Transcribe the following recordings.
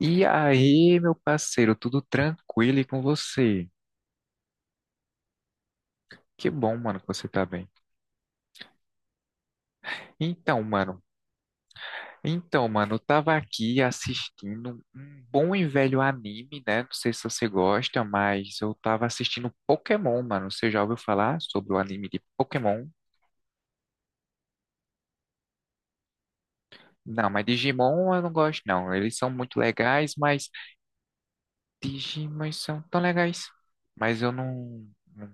E aí, meu parceiro, tudo tranquilo e com você? Que bom, mano, que você tá bem. Então, mano, então, mano, eu tava aqui assistindo um bom e velho anime, né? Não sei se você gosta, mas eu tava assistindo Pokémon, mano. Você já ouviu falar sobre o anime de Pokémon? Não, mas Digimon eu não gosto, não. Eles são muito legais, mas Digimon são tão legais. Mas eu não, não-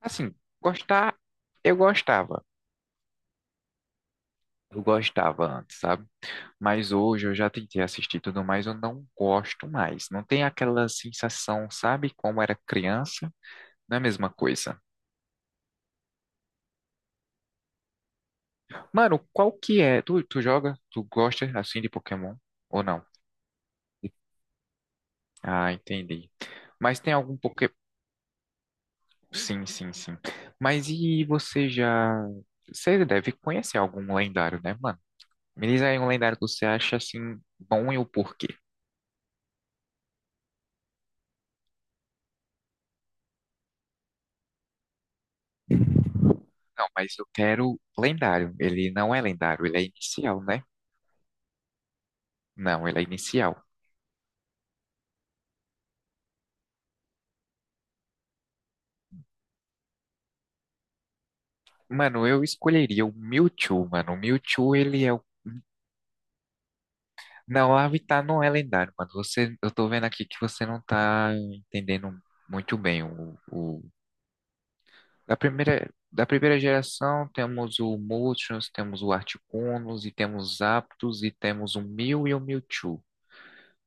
assim, gostar, eu gostava. Eu gostava antes, sabe? Mas hoje eu já tentei assistir tudo mais, eu não gosto mais. Não tem aquela sensação, sabe, como era criança? Não é a mesma coisa. Mano, qual que é? Tu joga? Tu gosta assim de Pokémon? Ou não? Ah, entendi. Mas tem algum Pokémon? Sim, sim, sim. Mas e você já. Você deve conhecer algum lendário, né, mano? Me diz aí um lendário que você acha assim bom e o porquê. Não, mas eu quero lendário. Ele não é lendário, ele é inicial, né? Não, ele é inicial. Mano, eu escolheria o Mewtwo, mano. O Mewtwo, ele é o. Não, o Avatar não é lendário, mano. Você, eu tô vendo aqui que você não tá entendendo muito bem. Da primeira geração, temos o Moltres, temos o Articunos, e temos Zapdos, e temos o Mew e o Mewtwo.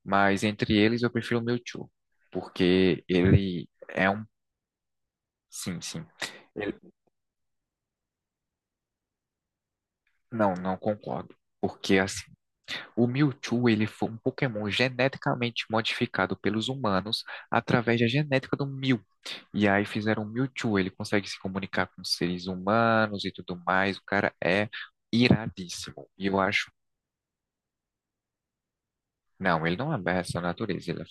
Mas entre eles, eu prefiro o Mewtwo, porque ele é um. Sim, sim. Ele... Não, não concordo. Porque, assim, o Mewtwo, ele foi um Pokémon geneticamente modificado pelos humanos através da genética do Mew. E aí fizeram o Mewtwo, ele consegue se comunicar com seres humanos e tudo mais. O cara é iradíssimo. E eu acho, não, ele não é essa natureza, ele é-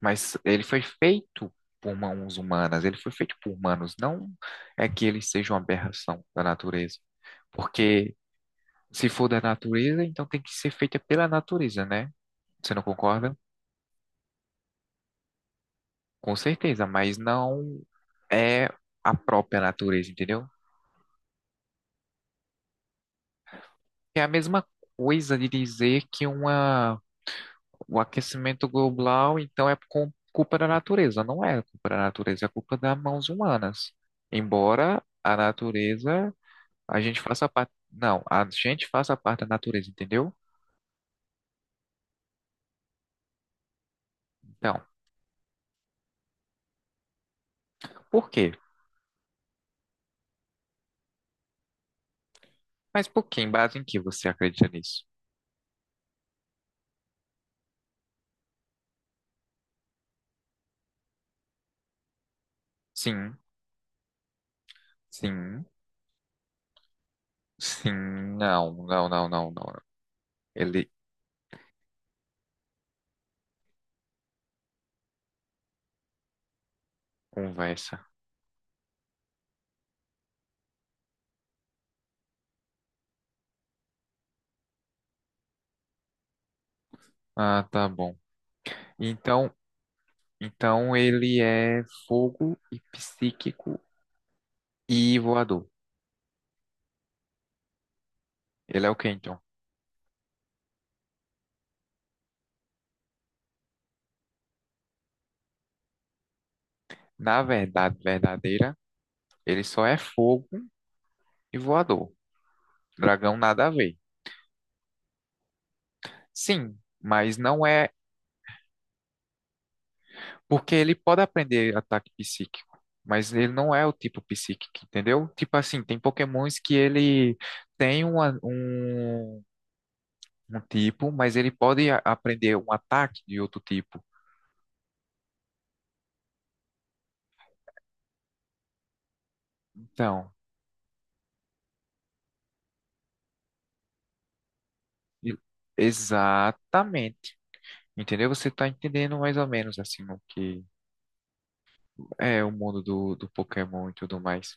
mas ele foi feito por mãos humanas, ele foi feito por humanos, não é que ele seja uma aberração da natureza. Porque se for da natureza, então tem que ser feita pela natureza, né? Você não concorda? Com certeza, mas não é a própria natureza, entendeu? É a mesma coisa de dizer que uma, o aquecimento global, então, é com- culpa da natureza. Não é culpa da natureza, é culpa das mãos humanas. Embora a natureza, a gente faça parte. Não, a gente faça parte da natureza, entendeu? Então, por quê? Mas por quê? Em base em que você acredita nisso? Sim, sim, sim, não, não, não, não, não. Ele conversa. Ah, tá bom. Então, então ele é fogo e psíquico e voador. Ele é o Kenton. Na verdade verdadeira, ele só é fogo e voador. Dragão nada a ver. Sim, mas não é. Porque ele pode aprender ataque psíquico, mas ele não é o tipo psíquico, entendeu? Tipo assim, tem pokémons que ele tem um tipo, mas ele pode a- aprender um ataque de outro tipo. Então. E- Exatamente. Entendeu? Você tá entendendo mais ou menos assim o que é o mundo do Pokémon e tudo mais.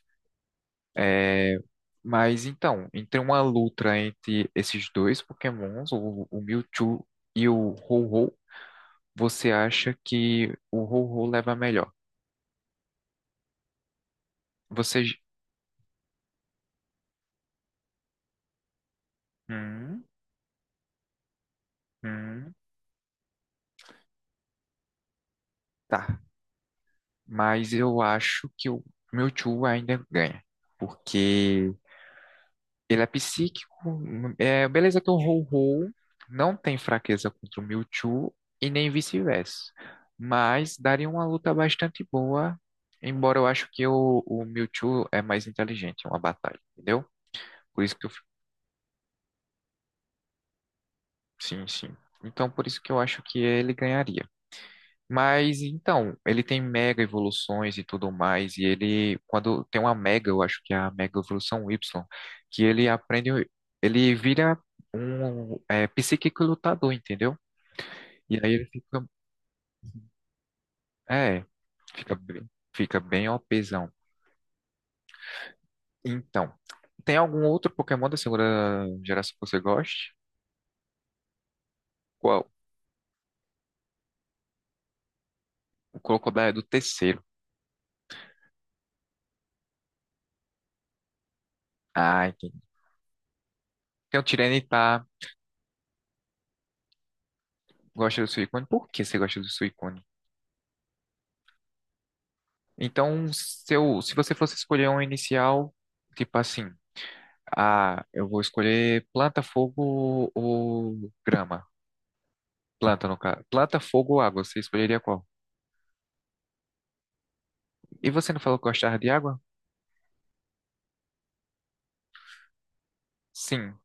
É, mas então, entre uma luta entre esses dois Pokémons, o Mewtwo e o Ho-Oh, você acha que o Ho-Oh leva melhor? Você. J- Hum, hum, tá. Mas eu acho que o Mewtwo ainda ganha. Porque ele é psíquico, é, beleza que o Ho-Ho não tem fraqueza contra o Mewtwo e nem vice-versa, mas daria uma luta bastante boa, embora eu acho que o Mewtwo é mais inteligente em uma batalha, entendeu? Por isso que eu, fi- sim, sim. Então, por isso que eu acho que ele ganharia. Mas então, ele tem mega evoluções e tudo mais, e ele, quando tem uma mega, eu acho que é a mega evolução Y, que ele aprende, ele vira um psíquico lutador, entendeu? E aí ele fica, é, fica, bem- fica bem OPzão. Então, tem algum outro Pokémon da segunda geração que você goste? Qual? O Crocodile é do terceiro. Ah, entendi. Tem o Tyranitar, gosta do Suicune. Por que você gosta do Suicune? Então, se você fosse escolher um inicial, tipo assim, ah, eu vou escolher planta, fogo ou grama? Planta, no caso. Planta, fogo ou água, você escolheria qual? E você não falou que gostava de água? Sim.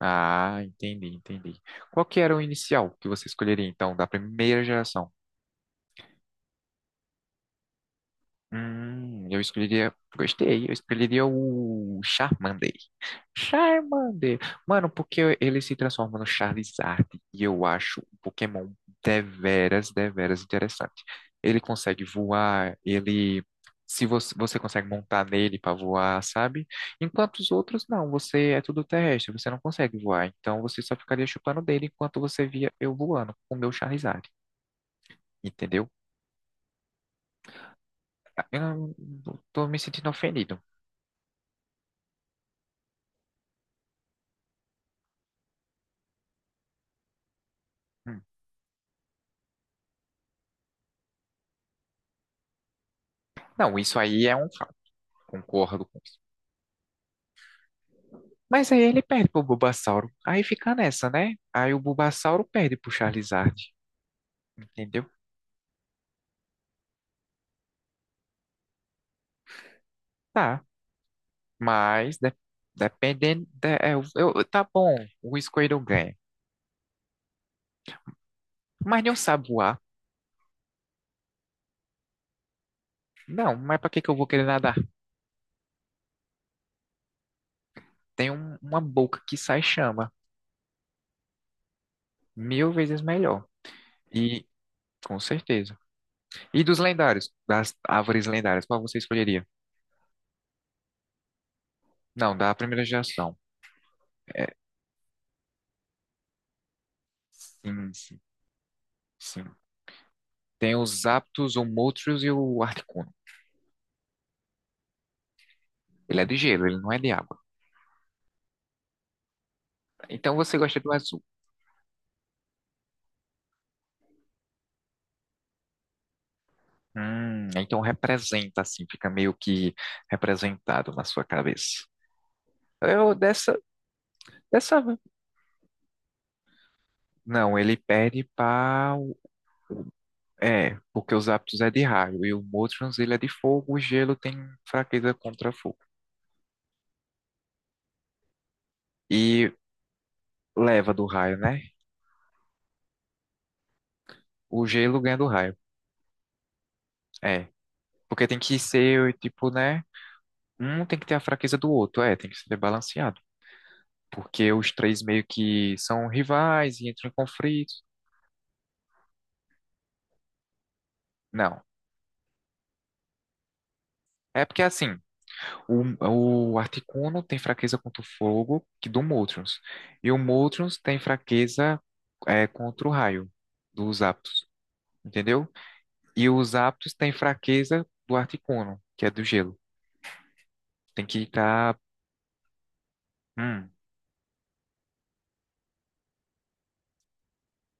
Ah, entendi, entendi. Qual que era o inicial que você escolheria, então, da primeira geração? Eu escolheria. Gostei, eu escolheria o Charmander. Charmander. Mano, porque ele se transforma no Charizard e eu acho um Pokémon deveras, deveras interessante. Ele consegue voar, ele. Se você, você consegue montar nele para voar, sabe? Enquanto os outros não, você é tudo terrestre, você não consegue voar. Então você só ficaria chupando dele enquanto você via eu voando com o meu Charizard, entendeu? Ah, eu não- tô me sentindo ofendido. Hum. Não, isso aí é um fato, concordo com. Mas aí ele perde pro Bulbasauro. Aí fica nessa, né? Aí o Bulbasauro perde pro Charizard. Entendeu? Tá. Mas de- dependendo. De- é, eu- tá bom, o Squirtle ganha. Mas não sabe voar. Não, mas pra que que eu vou querer nadar? Tem uma boca que sai chama. Mil vezes melhor. E com certeza. E dos lendários? Das árvores lendárias, qual você escolheria? Não, da primeira geração. É, sim, sim, sim. Tem os Zapdos, o Moltres e o Articuno. Ele é de gelo, ele não é de água. Então você gosta do azul. Então representa assim, fica meio que representado na sua cabeça. Eu dessa, dessa, não, ele perde para, é, porque os hábitos é de raio e o Motrons ele é de fogo, o gelo tem fraqueza contra fogo. E leva do raio, né? O gelo ganha do raio. É, porque tem que ser tipo, né? Um tem que ter a fraqueza do outro, é, tem que ser balanceado porque os três meio que são rivais e entram em conflito. Não. É porque assim, o Articuno tem fraqueza contra o fogo que do Moltres. E o Moltres tem fraqueza contra o raio dos Aptos, entendeu? E os Aptos tem fraqueza do Articuno, que é do gelo. Tem que estar. Hum,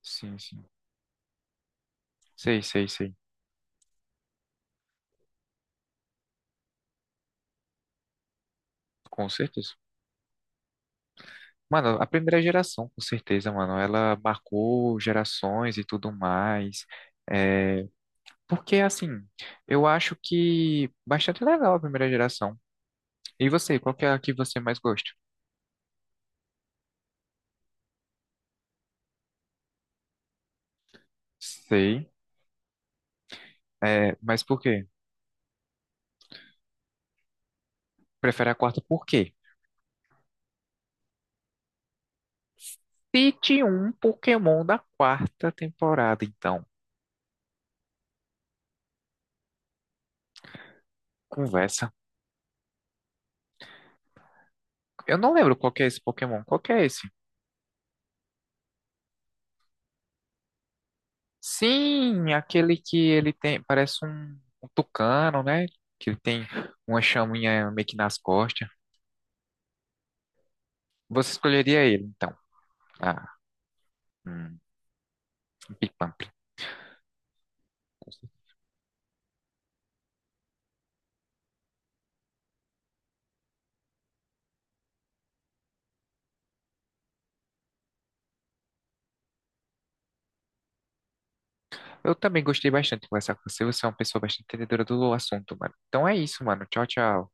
sim, sim. Sei, sei, sei. Com certeza. Mano, a primeira geração, com certeza, mano. Ela marcou gerações e tudo mais. É, porque, assim, eu acho que bastante legal a primeira geração. E você, qual que é a que você mais gosta? Sei. É, mas por quê? Prefere a quarta por quê? Cite um Pokémon da quarta temporada, então. Conversa. Eu não lembro qual que é esse Pokémon. Qual que é esse? Sim, aquele que ele tem. Parece um tucano, né? Que ele tem uma chaminha meio que nas costas. Você escolheria ele, então. Ah, hum, um Pipamp. Eu também gostei bastante de conversar com você. Você é uma pessoa bastante entendedora do assunto, mano. Então é isso, mano. Tchau, tchau.